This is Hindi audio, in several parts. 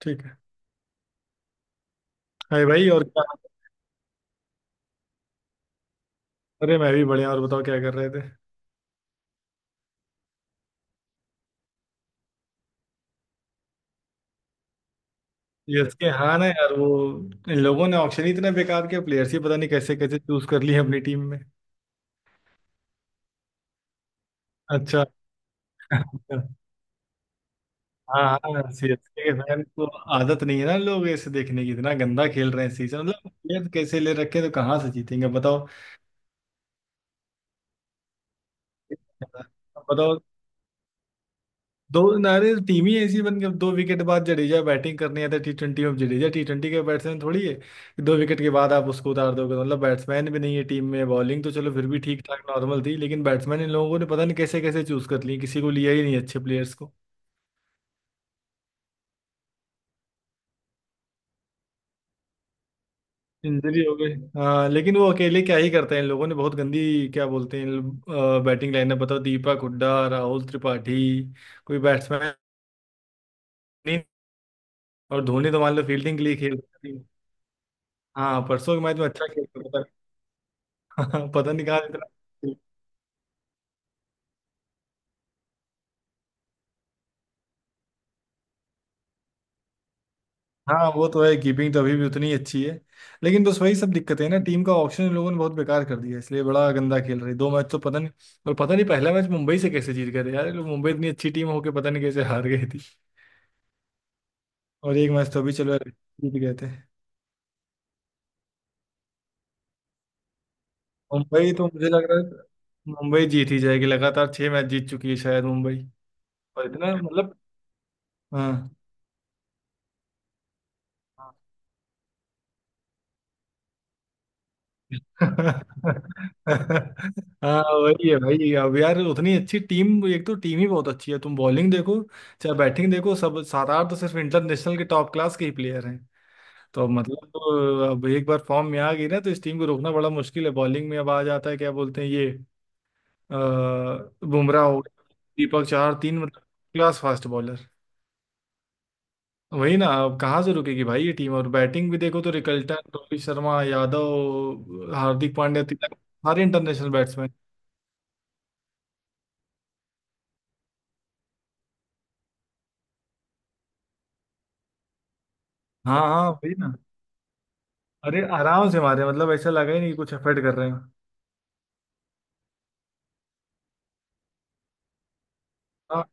ठीक है। हाय भाई, और क्या? अरे मैं भी बढ़िया, और बताओ क्या कर रहे थे? सीएसके, हाँ ना यार, वो इन लोगों ने ऑक्शन ही इतने बेकार के प्लेयर्स ही पता नहीं कैसे कैसे चूज कर लिए अपनी टीम में। अच्छा। हाँ हाँ, सीएसके के फैन को आदत नहीं है ना लोग ऐसे देखने की। इतना गंदा खेल रहे हैं सीजन, मतलब प्लेयर कैसे ले रखे हैं, तो कहाँ से जीतेंगे बताओ? बताओ, दो नारे टीम ही ऐसी बन गई। अब 2 विकेट बाद जडेजा बैटिंग करने आता है T20 में, अब जडेजा T20 का बैट्समैन थोड़ी है कि 2 विकेट के बाद आप उसको उतार दोगे, तो मतलब बैट्समैन भी नहीं है टीम में। बॉलिंग तो चलो फिर भी ठीक ठाक नॉर्मल थी, लेकिन बैट्समैन इन लोगों ने पता नहीं कैसे कैसे चूज कर ली, किसी को लिया ही नहीं अच्छे प्लेयर्स को। इंजरी हो गई, हाँ, लेकिन वो अकेले क्या ही करते हैं। इन लोगों ने बहुत गंदी क्या बोलते हैं बैटिंग लाइनअप, बताओ, दीपक हुड्डा, राहुल त्रिपाठी, कोई बैट्समैन नहीं। और धोनी तो मान लो फील्डिंग के लिए खेल। हाँ, परसों के मैच में अच्छा खेल। हाँ, पता नहीं कहाँ इतना। हाँ वो तो है, कीपिंग तो अभी भी उतनी अच्छी है, लेकिन बस वही सब दिक्कतें हैं ना, टीम का ऑप्शन इन लोगों ने बहुत बेकार कर दिया है, इसलिए बड़ा गंदा खेल रही। 2 मैच तो पता नहीं। और पता नहीं पहला मैच मुंबई से कैसे जीत गए थे यार ये लोग, मुंबई इतनी अच्छी टीम होके पता नहीं कैसे हार गई थी। और एक मैच तो अभी चलो यार जीत गए थे। मुंबई तो मुझे लग रहा है मुंबई जीत ही जाएगी, लगातार 6 मैच जीत चुकी है शायद मुंबई, और इतना मतलब। हाँ। हाँ, वही है भाई। अब यार उतनी अच्छी टीम, एक तो टीम ही बहुत अच्छी है, तुम बॉलिंग देखो चाहे बैटिंग देखो, सब 7-8 तो सिर्फ इंटरनेशनल के टॉप क्लास के ही प्लेयर हैं। तो मतलब तो अब एक बार फॉर्म में आ गई ना, तो इस टीम को रोकना बड़ा मुश्किल है। बॉलिंग में अब आ जाता है क्या बोलते हैं ये, अ, बुमराह हो गया, दीपक, चार तीन, मतलब क्लास फास्ट बॉलर। वही ना, अब कहाँ से रुकेगी भाई ये टीम, और बैटिंग भी देखो तो रिकल्टन, रोहित शर्मा, यादव, हार्दिक पांड्या, तिलक, सारे इंटरनेशनल बैट्समैन। हाँ हाँ, वही ना। अरे आराम से मारे, मतलब ऐसा लगा ही नहीं कि कुछ एफर्ट कर रहे हैं। हाँ,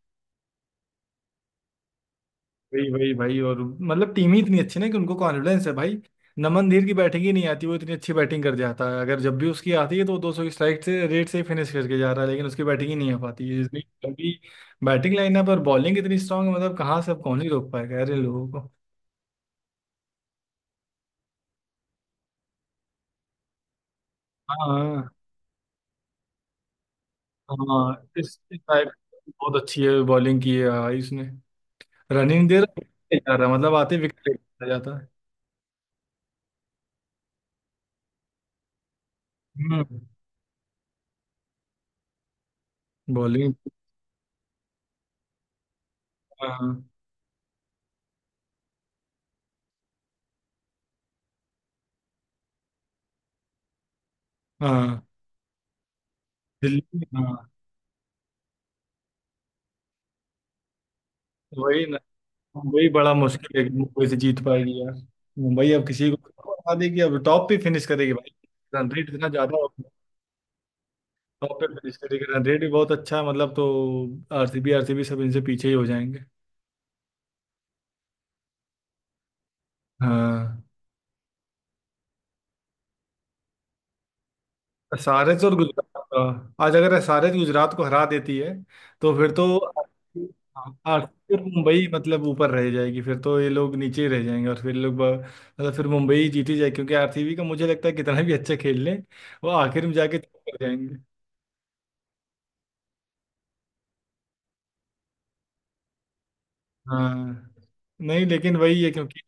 वही वही भाई, और मतलब टीम ही इतनी अच्छी ना कि उनको कॉन्फिडेंस है भाई। नमन धीर की बैटिंग ही नहीं आती, वो इतनी अच्छी बैटिंग कर जाता है। अगर जब भी उसकी आती है तो 200 की स्ट्राइक से रेट से ही फिनिश करके जा रहा है, लेकिन उसकी बैटिंग ही नहीं आ पाती है, इसलिए क्योंकि बैटिंग लाइनअप और बॉलिंग इतनी स्ट्रांग है, मतलब कहाँ से अब कौन ही रोक पाएगा यार इन लोगों को। हाँ हाँ, इस टाइप बहुत अच्छी है बॉलिंग की है, हाँ, इसने रनिंग देर जा रहा है, मतलब आते विकेट जाता है। हम्म। बॉलिंग। हाँ। हाँ, दिल्ली, हाँ, वही ना। वही बड़ा मुश्किल है कि मुंबई से जीत पाएगी यार। मुंबई अब किसी को हरा देगी, अब टॉप पे फिनिश करेगी भाई, रन रेट इतना ज्यादा होगा, टॉप पे फिनिश करेगी, रन रेट भी बहुत अच्छा है मतलब। तो आरसीबी, आरसीबी सब इनसे पीछे ही हो जाएंगे। हाँ, एसआरएच और गुजरात का आज। अगर एसआरएच गुजरात को हरा देती है तो फिर तो आरसीबी और मुंबई मतलब ऊपर रह जाएगी, फिर तो ये लोग नीचे ही रह जाएंगे, और फिर लोग मतलब फिर मुंबई ही जीती जाएगी, क्योंकि आरसीबी का मुझे लगता है कितना भी अच्छा खेल लें वो आखिर में जाके चुप कर जाएंगे। हाँ, नहीं, लेकिन वही है क्योंकि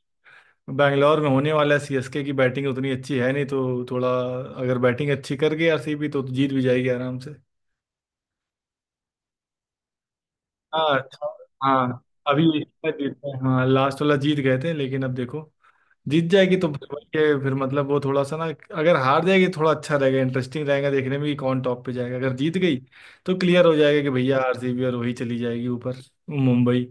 बैंगलोर में होने वाला, सीएसके की बैटिंग उतनी अच्छी है नहीं, तो थोड़ा अगर बैटिंग अच्छी कर गई आरसीबी तो जीत भी जाएगी आराम। हाँ, हाँ अभी इसका जीतते हैं, हाँ लास्ट वाला जीत गए थे, लेकिन अब देखो जीत जाएगी तो फिर वही है, फिर मतलब वो थोड़ा सा ना। अगर हार जाएगी तो थोड़ा अच्छा रहेगा, इंटरेस्टिंग रहेगा देखने में कि कौन टॉप पे जाएगा। अगर जीत गई तो क्लियर हो जाएगा कि भैया आरसीबी और वही चली जाएगी ऊपर, मुंबई।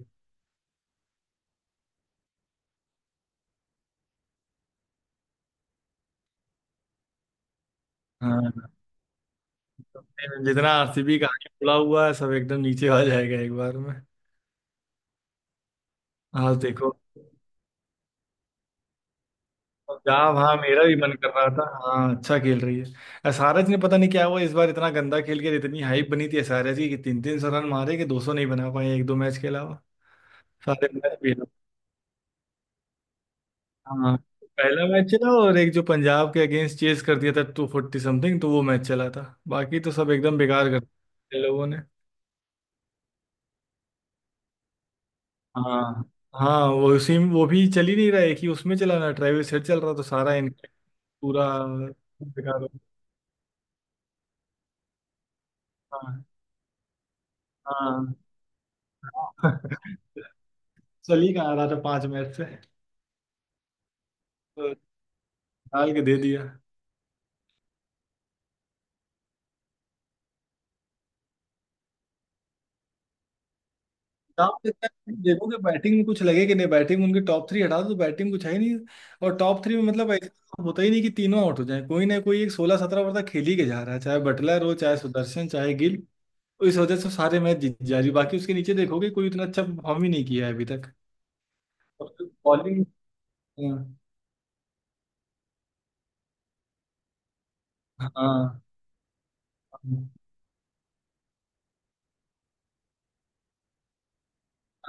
हाँ। तो फिर जितना आरसीबी का आगे खुला हुआ है सब एकदम नीचे आ जाएगा एक बार में। हाँ, देखो, पंजाब, हाँ, मेरा भी मन कर रहा था, हाँ अच्छा खेल रही है। एसआरएच ने पता नहीं क्या हुआ इस बार, इतना गंदा खेल के, इतनी हाइप बनी थी एसआरएच की कि तीन तीन सौ रन मारे, कि दो सौ नहीं बना पाए 1-2 मैच के अलावा सारे मैच भी। हाँ, पहला मैच चला, और एक जो पंजाब के अगेंस्ट चेस कर दिया था 240 something, तो वो मैच चला था, बाकी तो सब एकदम बेकार कर दिया इन लोगों ने। हाँ हाँ, वो उसी वो भी चल ही नहीं रहा है, कि उसमें चला ना ट्रेविस हेड चल रहा तो सारा इनका पूरा बेकार हो गया। हाँ। हाँ। चल ही कहाँ रहा था 5 मैच से, तो डाल के दे दिया। टॉप देखता है, देखोगे बैटिंग में कुछ लगे कि नहीं, बैटिंग में उनके टॉप थ्री हटा दो तो बैटिंग कुछ है ही नहीं, और टॉप थ्री में मतलब ऐसा होता ही नहीं कि तीनों आउट हो जाए, कोई ना कोई एक 16-17 ओवर तक खेल ही के जा रहा है चाहे बटलर हो चाहे सुदर्शन चाहे गिल। तो इस वजह से सारे मैच जीत जा रही, बाकी उसके नीचे देखोगे कोई उतना अच्छा परफॉर्म ही नहीं किया है अभी तक। बॉलिंग। हाँ।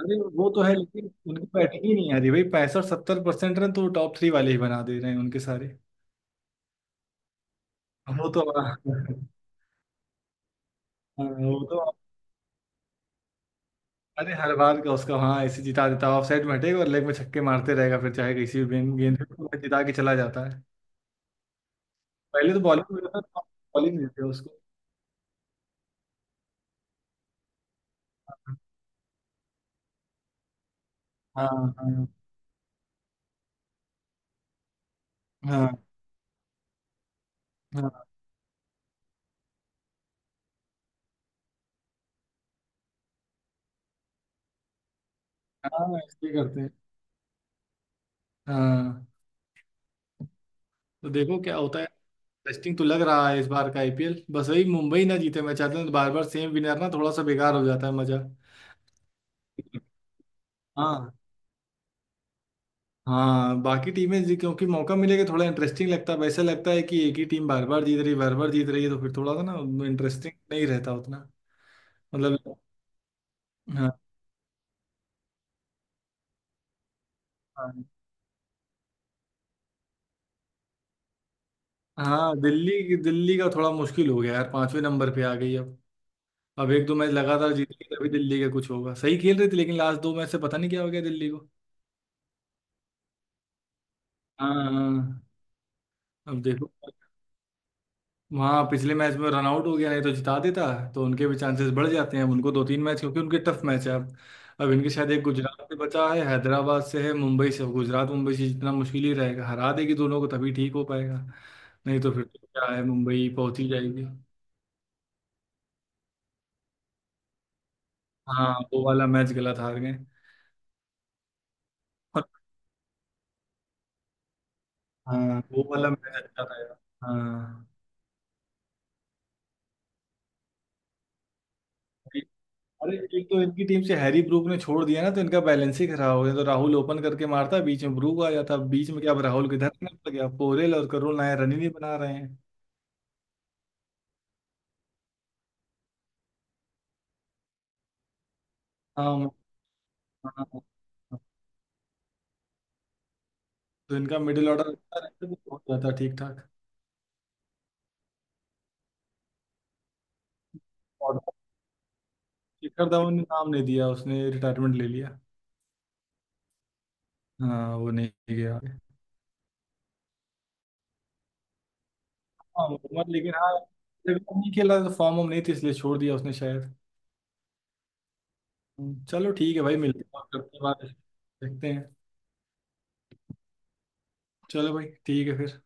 अरे वो तो है, लेकिन उनकी बैटिंग ही नहीं आ रही भाई, 65-70% रन तो टॉप थ्री वाले ही बना दे रहे हैं उनके सारे। वो तो, हाँ, वो तो। अरे हर बार का उसका, हाँ ऐसे जिता देता है, ऑफसाइड में हटेगा और लेग में छक्के मारते रहेगा, फिर चाहे किसी भी गेंद गेंद पे वो जिता के चला जाता है। पहले तो बॉलिंग में था, बॉलिंग नहीं देते उसको। हाँ हाँ। हाँ हाँ। हाँ, हाँ, ऐसे ही करते हैं। हाँ, तो देखो क्या होता है। इंटरेस्टिंग तो लग रहा है इस बार का आईपीएल, बस वही मुंबई ना जीते मैं चाहता हूँ, बार बार सेम विनर ना थोड़ा सा बेकार हो जाता है मजा। हाँ, हाँ, बाकी टीमें क्योंकि मौका मिलेगा, थोड़ा इंटरेस्टिंग लगता है, वैसा लगता है कि एक ही टीम बार बार जीत रही, बार बार जीत रही है तो फिर थोड़ा सा ना इंटरेस्टिंग नहीं रहता उतना, मतलब। हाँ, हाँ, हाँ, दिल्ली, दिल्ली का थोड़ा मुश्किल हो गया यार, 5वें नंबर पे आ गई अब। अब एक दो मैच लगातार जीतेगी तभी दिल्ली का कुछ होगा, सही खेल रही थी लेकिन लास्ट 2 मैच से पता नहीं क्या हो गया दिल्ली को। हाँ हाँ, अब देखो वहाँ पिछले मैच में रन आउट हो गया, नहीं तो जिता देता। तो उनके भी चांसेस बढ़ जाते हैं, अब उनको 2-3 मैच, क्योंकि उनके टफ मैच है अब। अब इनके शायद एक गुजरात से बचा है, हैदराबाद से है, मुंबई से, गुजरात मुंबई से जितना मुश्किल ही रहेगा, हरा देगी दोनों को तभी ठीक हो पाएगा। नहीं तो फिर तो क्या है, मुंबई पहुंच ही जाएगी। हाँ, वो वाला मैच गलत हार गए। और हाँ, वो वाला मैच अच्छा था यार। हाँ। अरे एक तो इनकी टीम से हैरी ब्रूक ने छोड़ दिया ना, तो इनका बैलेंस ही खराब हो गया। तो राहुल ओपन करके मारता, बीच में ब्रूक आ जाता, बीच में क्या अब, राहुल किधर निकल गया, पोरेल और करुण नायर रन ही नहीं बना रहे हैं। हाँ, हाँ, हाँ, हाँ। तो इनका मिडिल ऑर्डर अच्छा रहता है, तो हो जाता ठीक ठाक। और शिखर धवन ने नाम नहीं दिया, उसने रिटायरमेंट ले लिया। हाँ, वो नहीं गया। हाँ, मोहम्मद, लेकिन हाँ जब तक नहीं खेला तो फॉर्म वॉर्म नहीं थी, इसलिए छोड़ दिया उसने शायद। चलो ठीक है भाई, मिलते हैं और करते हैं बात। देखते हैं। चलो भाई ठीक है फिर।